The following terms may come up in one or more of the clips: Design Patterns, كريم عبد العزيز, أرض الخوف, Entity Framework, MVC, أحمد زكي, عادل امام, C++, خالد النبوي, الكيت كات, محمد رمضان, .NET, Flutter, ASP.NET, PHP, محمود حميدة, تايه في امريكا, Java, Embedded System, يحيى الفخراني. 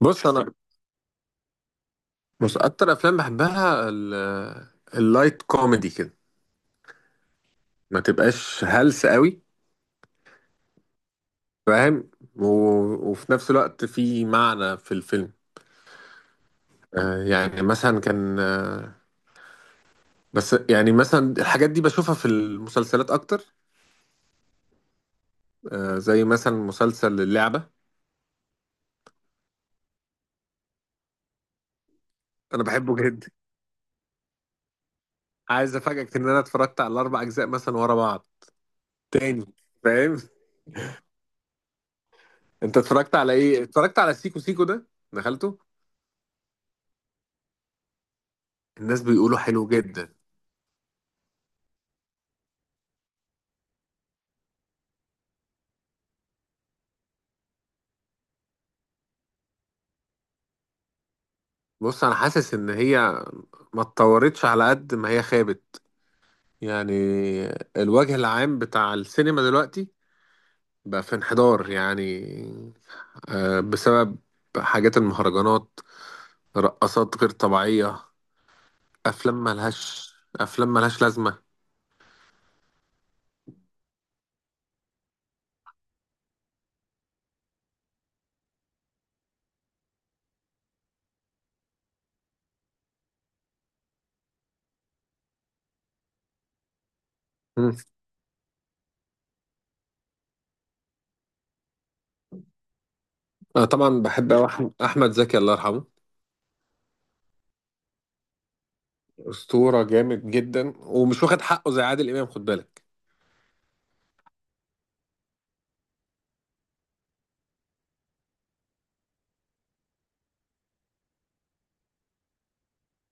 بص انا. اكتر افلام بحبها اللايت كوميدي كده. ما تبقاش هلس قوي. فاهم وفي نفس الوقت في معنى في الفيلم. يعني مثلا كان بس يعني مثلا الحاجات دي بشوفها في المسلسلات اكتر. زي مثلا مسلسل اللعبة، انا بحبه جدا. عايز افاجئك ان انا اتفرجت على الاربع اجزاء مثلا ورا بعض تاني. فاهم. انت اتفرجت على ايه؟ اتفرجت على سيكو سيكو ده؟ دخلته؟ الناس بيقولوا حلو جدا. بص انا حاسس ان هي ما اتطورتش على قد ما هي خابت. يعني الوجه العام بتاع السينما دلوقتي بقى في انحدار يعني. بسبب حاجات المهرجانات، رقصات غير طبيعية، افلام ملهاش افلام ملهاش لازمة. مم. انا طبعا بحب أوي احمد زكي، الله يرحمه. اسطورة، جامد جدا ومش واخد حقه زي عادل امام، خد بالك.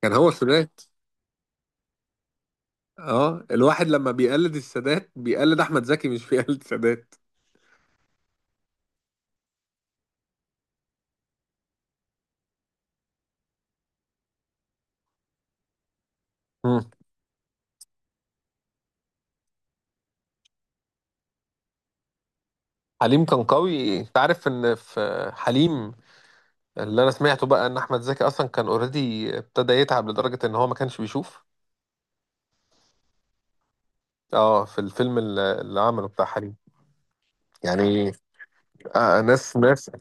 كان هو السادات. اه الواحد لما بيقلد السادات بيقلد احمد زكي، مش بيقلد السادات. حليم كان قوي، انت عارف ان في حليم؟ اللي انا سمعته بقى ان احمد زكي اصلا كان اوريدي، ابتدى يتعب لدرجة ان هو ما كانش بيشوف. اه في الفيلم اللي عمله بتاع حليم يعني. آه ناس ناس،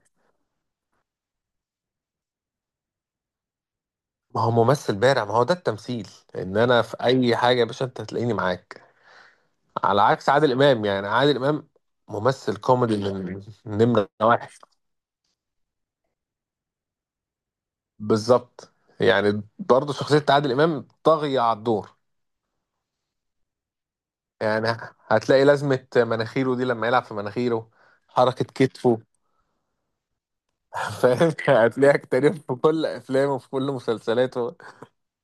ما هو ممثل بارع، ما هو ده التمثيل. ان انا في اي حاجة يا باشا انت هتلاقيني معاك. على عكس عادل امام، يعني عادل امام ممثل كوميدي من نمرة واحد. بالظبط. يعني برضه شخصية عادل امام طاغية على الدور يعني. هتلاقي لازمة مناخيره دي، لما يلعب في مناخيره، حركة كتفه. فاهم، هتلاقيها كتير في كل أفلامه وفي كل مسلسلاته.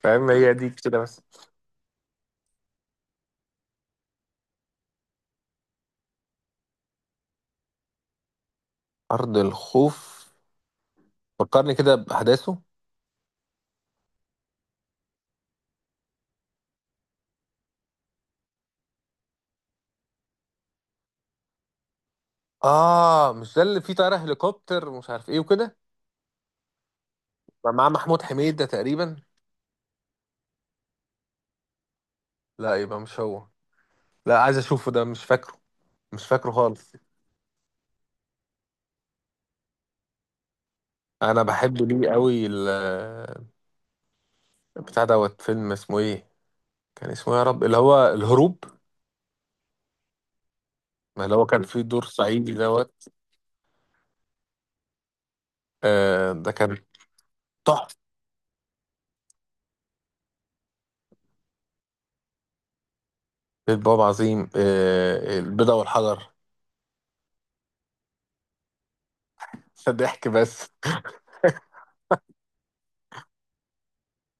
فاهم، هي دي كده بس. أرض الخوف، فكرني كده بأحداثه. آه مش ده اللي فيه طيارة هليكوبتر ومش عارف إيه وكده؟ مع محمود حميدة تقريبا. لا يبقى مش هو. لا عايز أشوفه ده، مش فاكره، مش فاكره خالص. أنا بحب ليه قوي بتاع دوت، فيلم اسمه إيه؟ كان اسمه إيه يا رب؟ اللي هو الهروب، اللي هو كان في دور صعيدي دوت. آه ده كان تحفة. باب عظيم، آه البيضة والحجر. ضحك بس.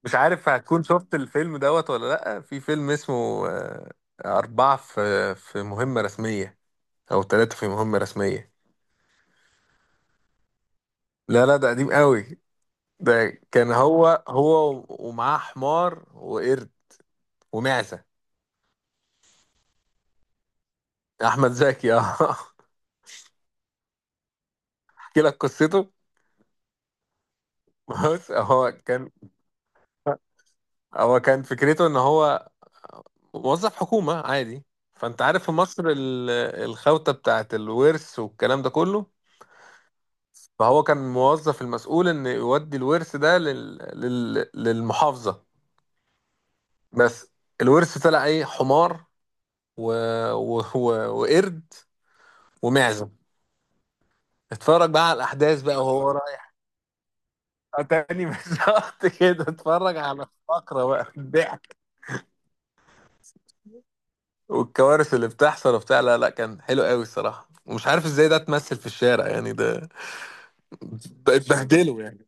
مش عارف هتكون شفت الفيلم دوت ولا لأ، في فيلم اسمه آه، أربعة في مهمة رسمية، أو ثلاثة في مهمة رسمية. لا لا ده قديم قوي. ده كان هو، هو ومعاه حمار وقرد ومعزة. أحمد زكي اه. أحكي لك قصته. بص هو كان، هو كان فكرته ان هو موظف حكومة عادي. فانت عارف في مصر الخوته بتاعت الورث والكلام ده كله. فهو كان موظف المسؤول ان يودي الورث ده للمحافظة. بس الورث طلع ايه، حمار و... و... و... وقرد ومعزة. اتفرج بقى على الاحداث بقى وهو رايح. آه، تاني. بالظبط كده، اتفرج على الفقرة بقى، الضحك والكوارث اللي بتحصل وبتاع. لا لا كان حلو قوي الصراحة، ومش عارف ازاي ده اتمثل في الشارع يعني ده. اتبهدله يعني.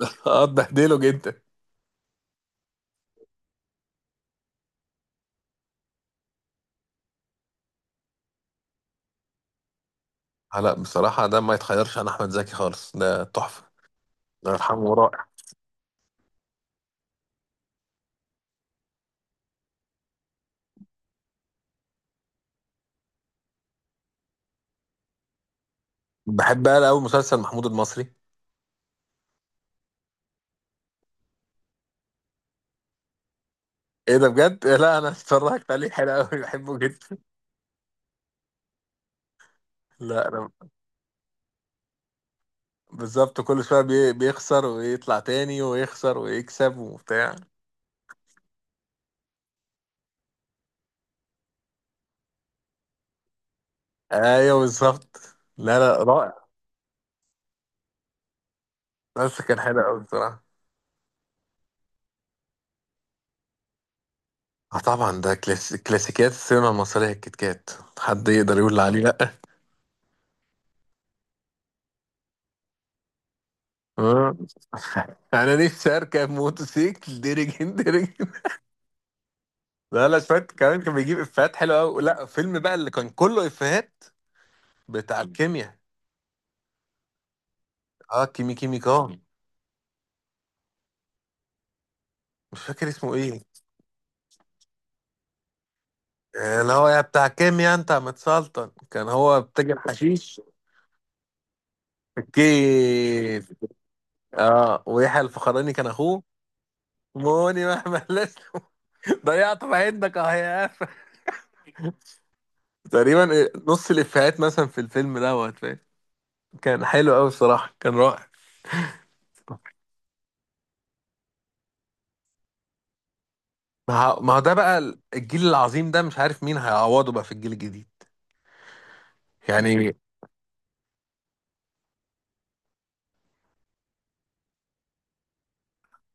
اه اتبهدله جدا. آه لا بصراحة ده ما يتخيرش عن أحمد زكي خالص، ده تحفة. الله يرحمه، رائع. بحب بقى أوي مسلسل محمود المصري. ايه ده بجد؟ لا انا اتفرجت عليه، حلو قوي، بحبه جدا. لا أنا بالظبط، كل شوية بيخسر ويطلع تاني، ويخسر ويكسب وبتاع. ايوه بالظبط. لا لا رائع. بس كان حلو قوي بصراحه. اه طبعا ده كلاسيكيات السينما المصرية الكيت كات، حد يقدر يقول عليه؟ آه. انا نفسي اركب موتوسيكل درجين درجين. لا لا شويه كمان، كان بيجيب افيهات حلوه قوي، لا فيلم بقى اللي كان كله افيهات بتاع الكيمياء. اه كيمي كيمي كان، مش فاكر اسمه ايه. آه، اللي هو يا بتاع كيمياء انت يا متسلطن، كان هو بتاجر حشيش. كيف. اه ويحيى الفخراني كان اخوه. موني مهما لست. ضيعت عندك اه يا قفا تقريبا. نص الافيهات مثلا في الفيلم دوت، فاهم؟ كان حلو قوي بصراحه، كان رائع. ما ما هو ده بقى الجيل العظيم، ده مش عارف مين هيعوضه بقى في الجيل الجديد يعني.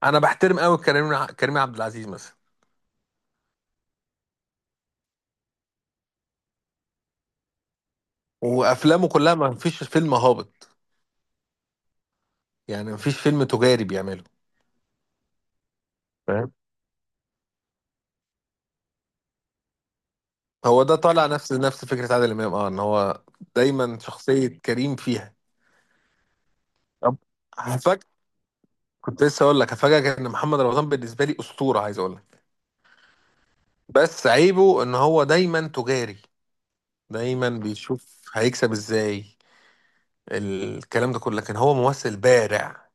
انا بحترم قوي كريم كريم عبد العزيز مثلا. وافلامه كلها ما فيش فيلم هابط، يعني ما فيش فيلم تجاري بيعمله. فاهم. هو ده طالع نفس فكرة عادل امام، اه ان هو دايما شخصية كريم فيها. طب هفاجئ، كنت لسه اقول لك هفاجئك ان محمد رمضان بالنسبة لي اسطورة، عايز اقول لك. بس عيبه ان هو دايما تجاري، دايما بيشوف هيكسب ازاي، الكلام ده كله، لكن هو ممثل بارع.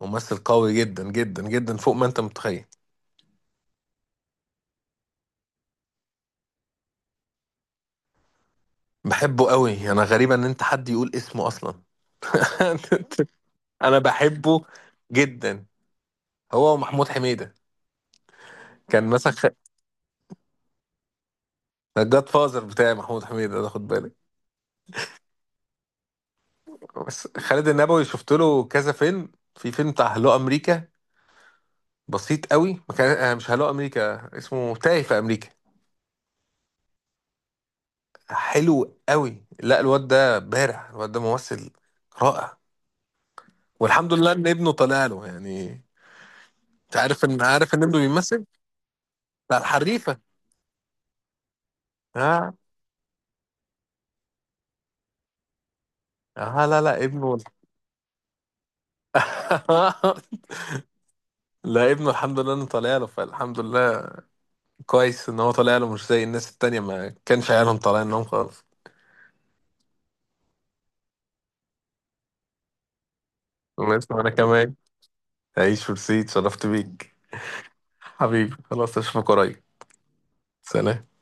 ممثل قوي جدا جدا جدا فوق ما انت متخيل. بحبه قوي، انا غريبة ان انت حد يقول اسمه اصلا. انا بحبه جدا. هو ومحمود حميدة. كان مثلا الجاد فازر بتاع محمود حميدة ده، خد بالك. بس خالد النبوي شفت له كذا فيلم، في فيلم بتاع هلو امريكا، بسيط قوي، ما كان آه، مش هلو امريكا، اسمه تايه في امريكا. حلو قوي، لا الواد ده بارع، الواد ده ممثل رائع. والحمد لله ان ابنه طلع له يعني. انت عارف ان، عارف ان ابنه بيمثل؟ بتاع الحريفة. ها. اه لا لا ابنه. لا ابنه الحمد لله انه طالع له، فالحمد لله كويس ان هو طالع له، مش زي الناس التانية ما كانش عيالهم طالعين لهم خالص. الله يسلم، انا كمان. عيش ورسيد، شرفت بيك. حبيبي خلاص اشوفك قريب. سلام.